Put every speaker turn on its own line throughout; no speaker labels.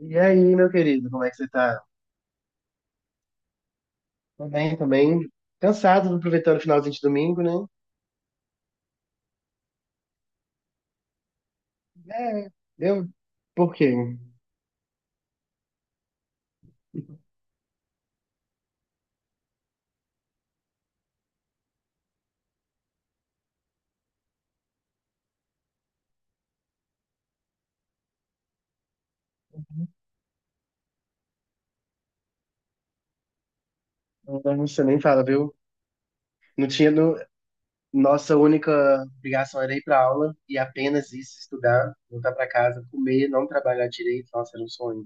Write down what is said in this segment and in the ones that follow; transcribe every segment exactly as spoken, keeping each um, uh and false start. E aí, meu querido, como é que você tá? Tô bem, tô bem. Cansado, aproveitando o finalzinho de domingo, né? É, eu... Por quê? Você nem fala, viu? Não tinha... No... Nossa única obrigação era ir pra aula e apenas isso, estudar, voltar pra casa, comer, não trabalhar direito. Nossa, era um sonho.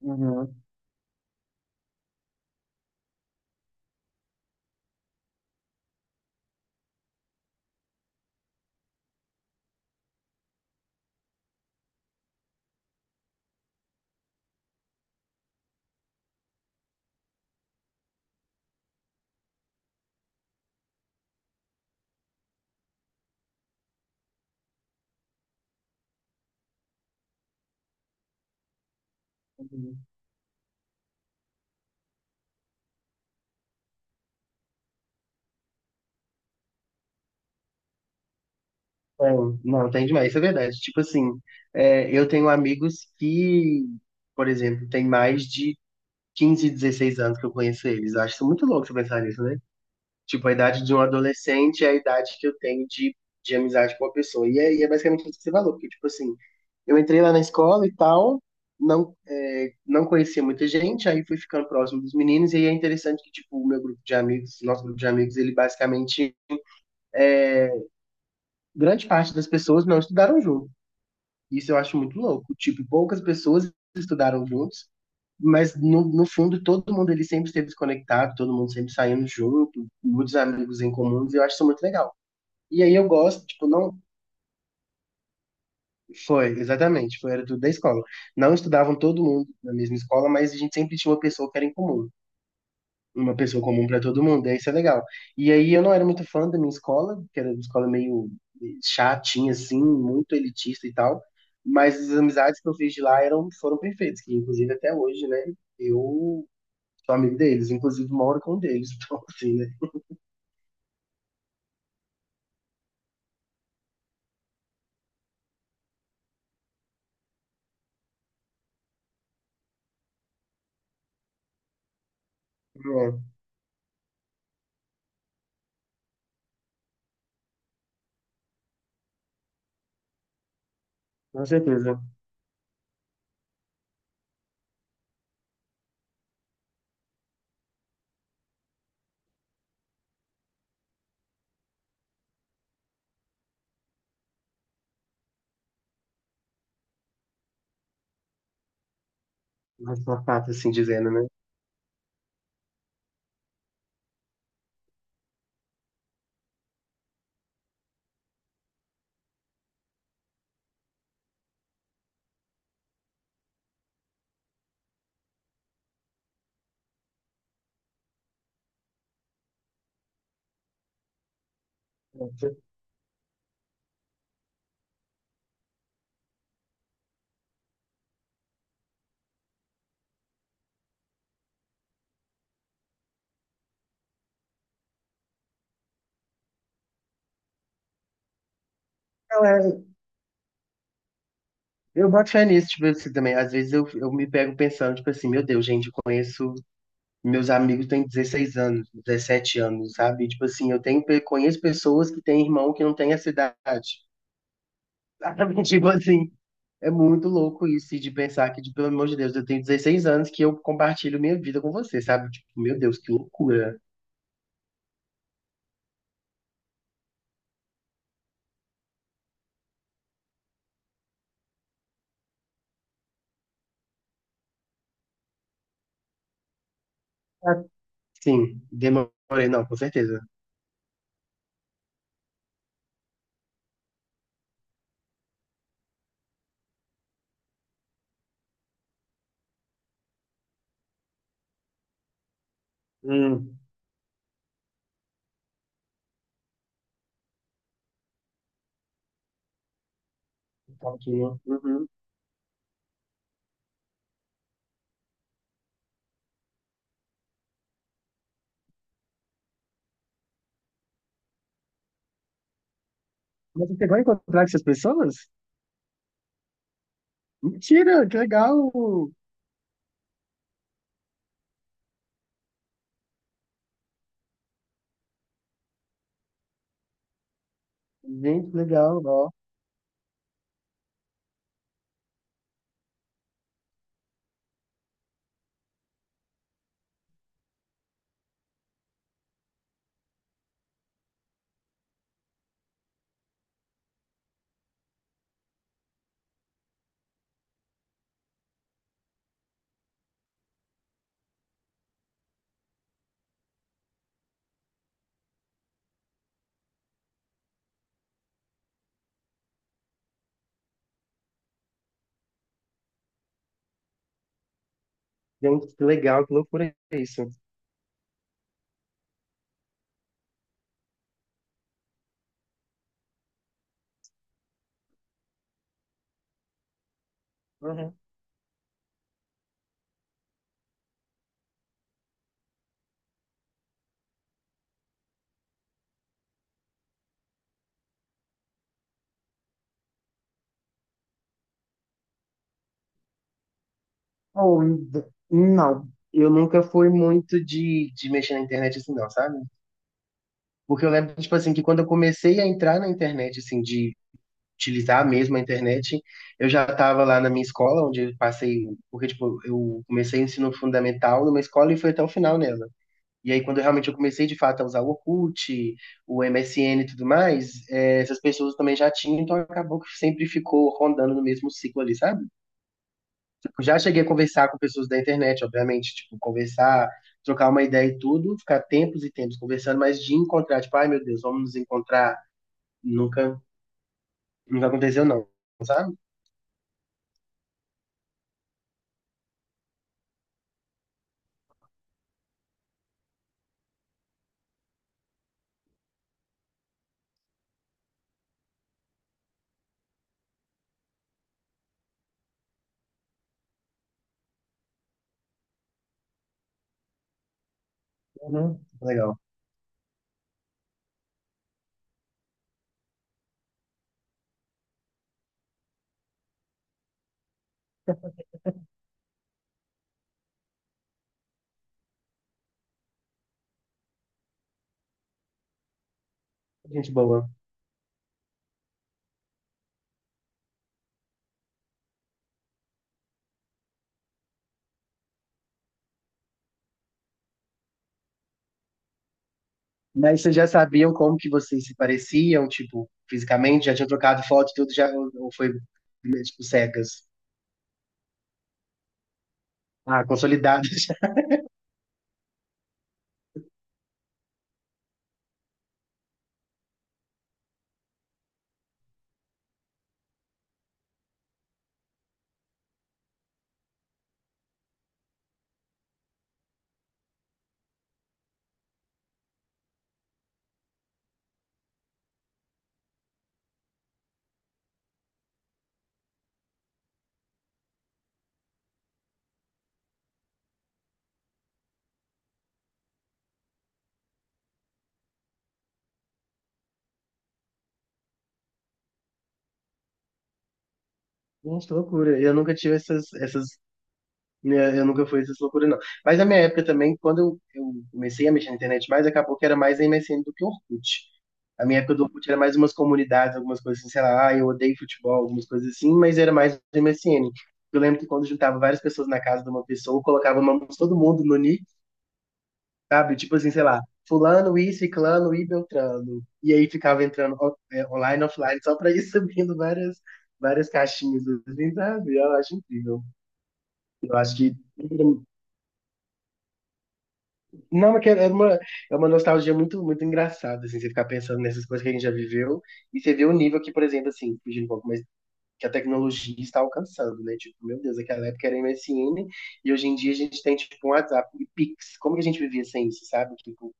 Uhum. Uhum. É, não, tem demais, isso é verdade. Tipo assim, é, eu tenho amigos que, por exemplo, tem mais de quinze, dezesseis anos que eu conheço eles. Eu acho isso muito louco você pensar nisso, né? Tipo, a idade de um adolescente é a idade que eu tenho de, de, amizade com a pessoa. E aí é basicamente isso que você falou, porque, tipo assim, eu entrei lá na escola e tal, não, é, não conhecia muita gente, aí fui ficando próximo dos meninos, e aí é interessante que, tipo, o meu grupo de amigos, nosso grupo de amigos, ele basicamente, grande parte das pessoas não estudaram junto. Isso eu acho muito louco. Tipo, poucas pessoas estudaram juntos, mas no, no fundo todo mundo ele sempre esteve conectado, todo mundo sempre saindo junto, muitos amigos em comuns, e eu acho isso muito legal. E aí eu gosto, tipo, não. Foi, exatamente, foi, era tudo da escola. Não estudavam todo mundo na mesma escola, mas a gente sempre tinha uma pessoa que era em comum. Uma pessoa comum para todo mundo, e isso é legal. E aí eu não era muito fã da minha escola, que era uma escola meio chatinha, assim, muito elitista e tal. Mas as amizades que eu fiz de lá eram, foram perfeitas, que inclusive até hoje, né? Eu sou amigo deles, inclusive moro com um deles, então assim, né? É, com certeza. Mais uma parte assim dizendo, né? Não, é. Eu boto fé nisso, tipo assim, também. Às vezes eu, eu, me pego pensando, tipo assim, meu Deus, gente, eu conheço. Meus amigos têm dezesseis anos, dezessete anos, sabe? Tipo assim, eu tenho, pe- conheço pessoas que têm irmão que não tem essa idade. Sabe? Tipo assim, é muito louco isso, e de pensar que, de, pelo amor de Deus, eu tenho dezesseis anos que eu compartilho minha vida com você, sabe? Tipo, meu Deus, que loucura. Ah, sim, demorei, não, com certeza. Hum, um pouquinho. Uhum. Mas você vai encontrar com essas pessoas? Mentira, que legal! Gente, que legal, ó. Gente, que legal, que loucura é isso. Uhum. Oh, d- não. Eu nunca fui muito de, de mexer na internet assim, não, sabe? Porque eu lembro, tipo assim, que quando eu comecei a entrar na internet, assim, de utilizar mesmo a internet, eu já tava lá na minha escola, onde eu passei, porque, tipo, eu comecei o ensino fundamental numa escola e fui até o final nela. E aí, quando eu realmente eu comecei de fato a usar o Orkut, o M S N e tudo mais, eh, essas pessoas também já tinham, então acabou que sempre ficou rondando no mesmo ciclo ali, sabe? Eu já cheguei a conversar com pessoas da internet, obviamente, tipo, conversar, trocar uma ideia e tudo, ficar tempos e tempos conversando, mas de encontrar, tipo, ai meu Deus, vamos nos encontrar, nunca, nunca aconteceu não, sabe? Uhum. Legal, gente boa. Mas vocês já sabiam como que vocês se pareciam, tipo, fisicamente? Já tinham trocado foto e tudo, já, ou ou foi, tipo, cegas? Ah, consolidado já. Gente, loucura. Eu nunca tive essas, essas, né, eu nunca fui essas loucuras, não. Mas na minha época também, quando eu, eu comecei a mexer na internet mais, acabou que era mais M S N do que Orkut. A minha época do Orkut era mais umas comunidades, algumas coisas assim, sei lá, ah, eu odeio futebol, algumas coisas assim, mas era mais M S N. Eu lembro que quando juntava várias pessoas na casa de uma pessoa, colocava o nome de todo mundo no nick. Sabe? Tipo assim, sei lá, fulano, e ciclano e beltrano. E aí ficava entrando o- é, online, offline, só pra ir subindo várias, várias caixinhas, assim, sabe? Eu acho incrível. Eu acho que. Não, mas que é uma, é uma nostalgia muito, muito engraçada, assim, você ficar pensando nessas coisas que a gente já viveu e você vê o nível que, por exemplo, assim, fugindo um pouco, mas que a tecnologia está alcançando, né? Tipo, meu Deus, aquela época era M S N e hoje em dia a gente tem, tipo, um WhatsApp e Pix. Como que a gente vivia sem isso, sabe? Tipo,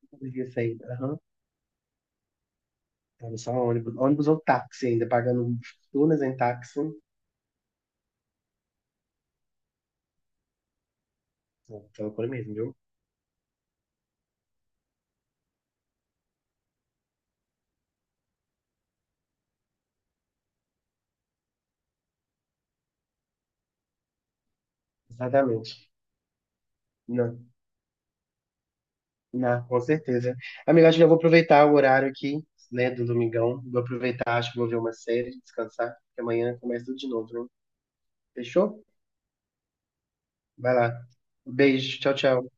como que vivia sem? Era só ônibus. Ônibus ou táxi ainda, pagando fortunas em táxi. Então, loucura mesmo, viu? Exatamente. Não, não, com certeza. Amiga, acho que eu vou aproveitar o horário aqui, né, do domingão. Vou aproveitar, acho que vou ver uma série, descansar, porque amanhã começa tudo de novo, né? Fechou? Vai lá. Beijo, tchau, tchau.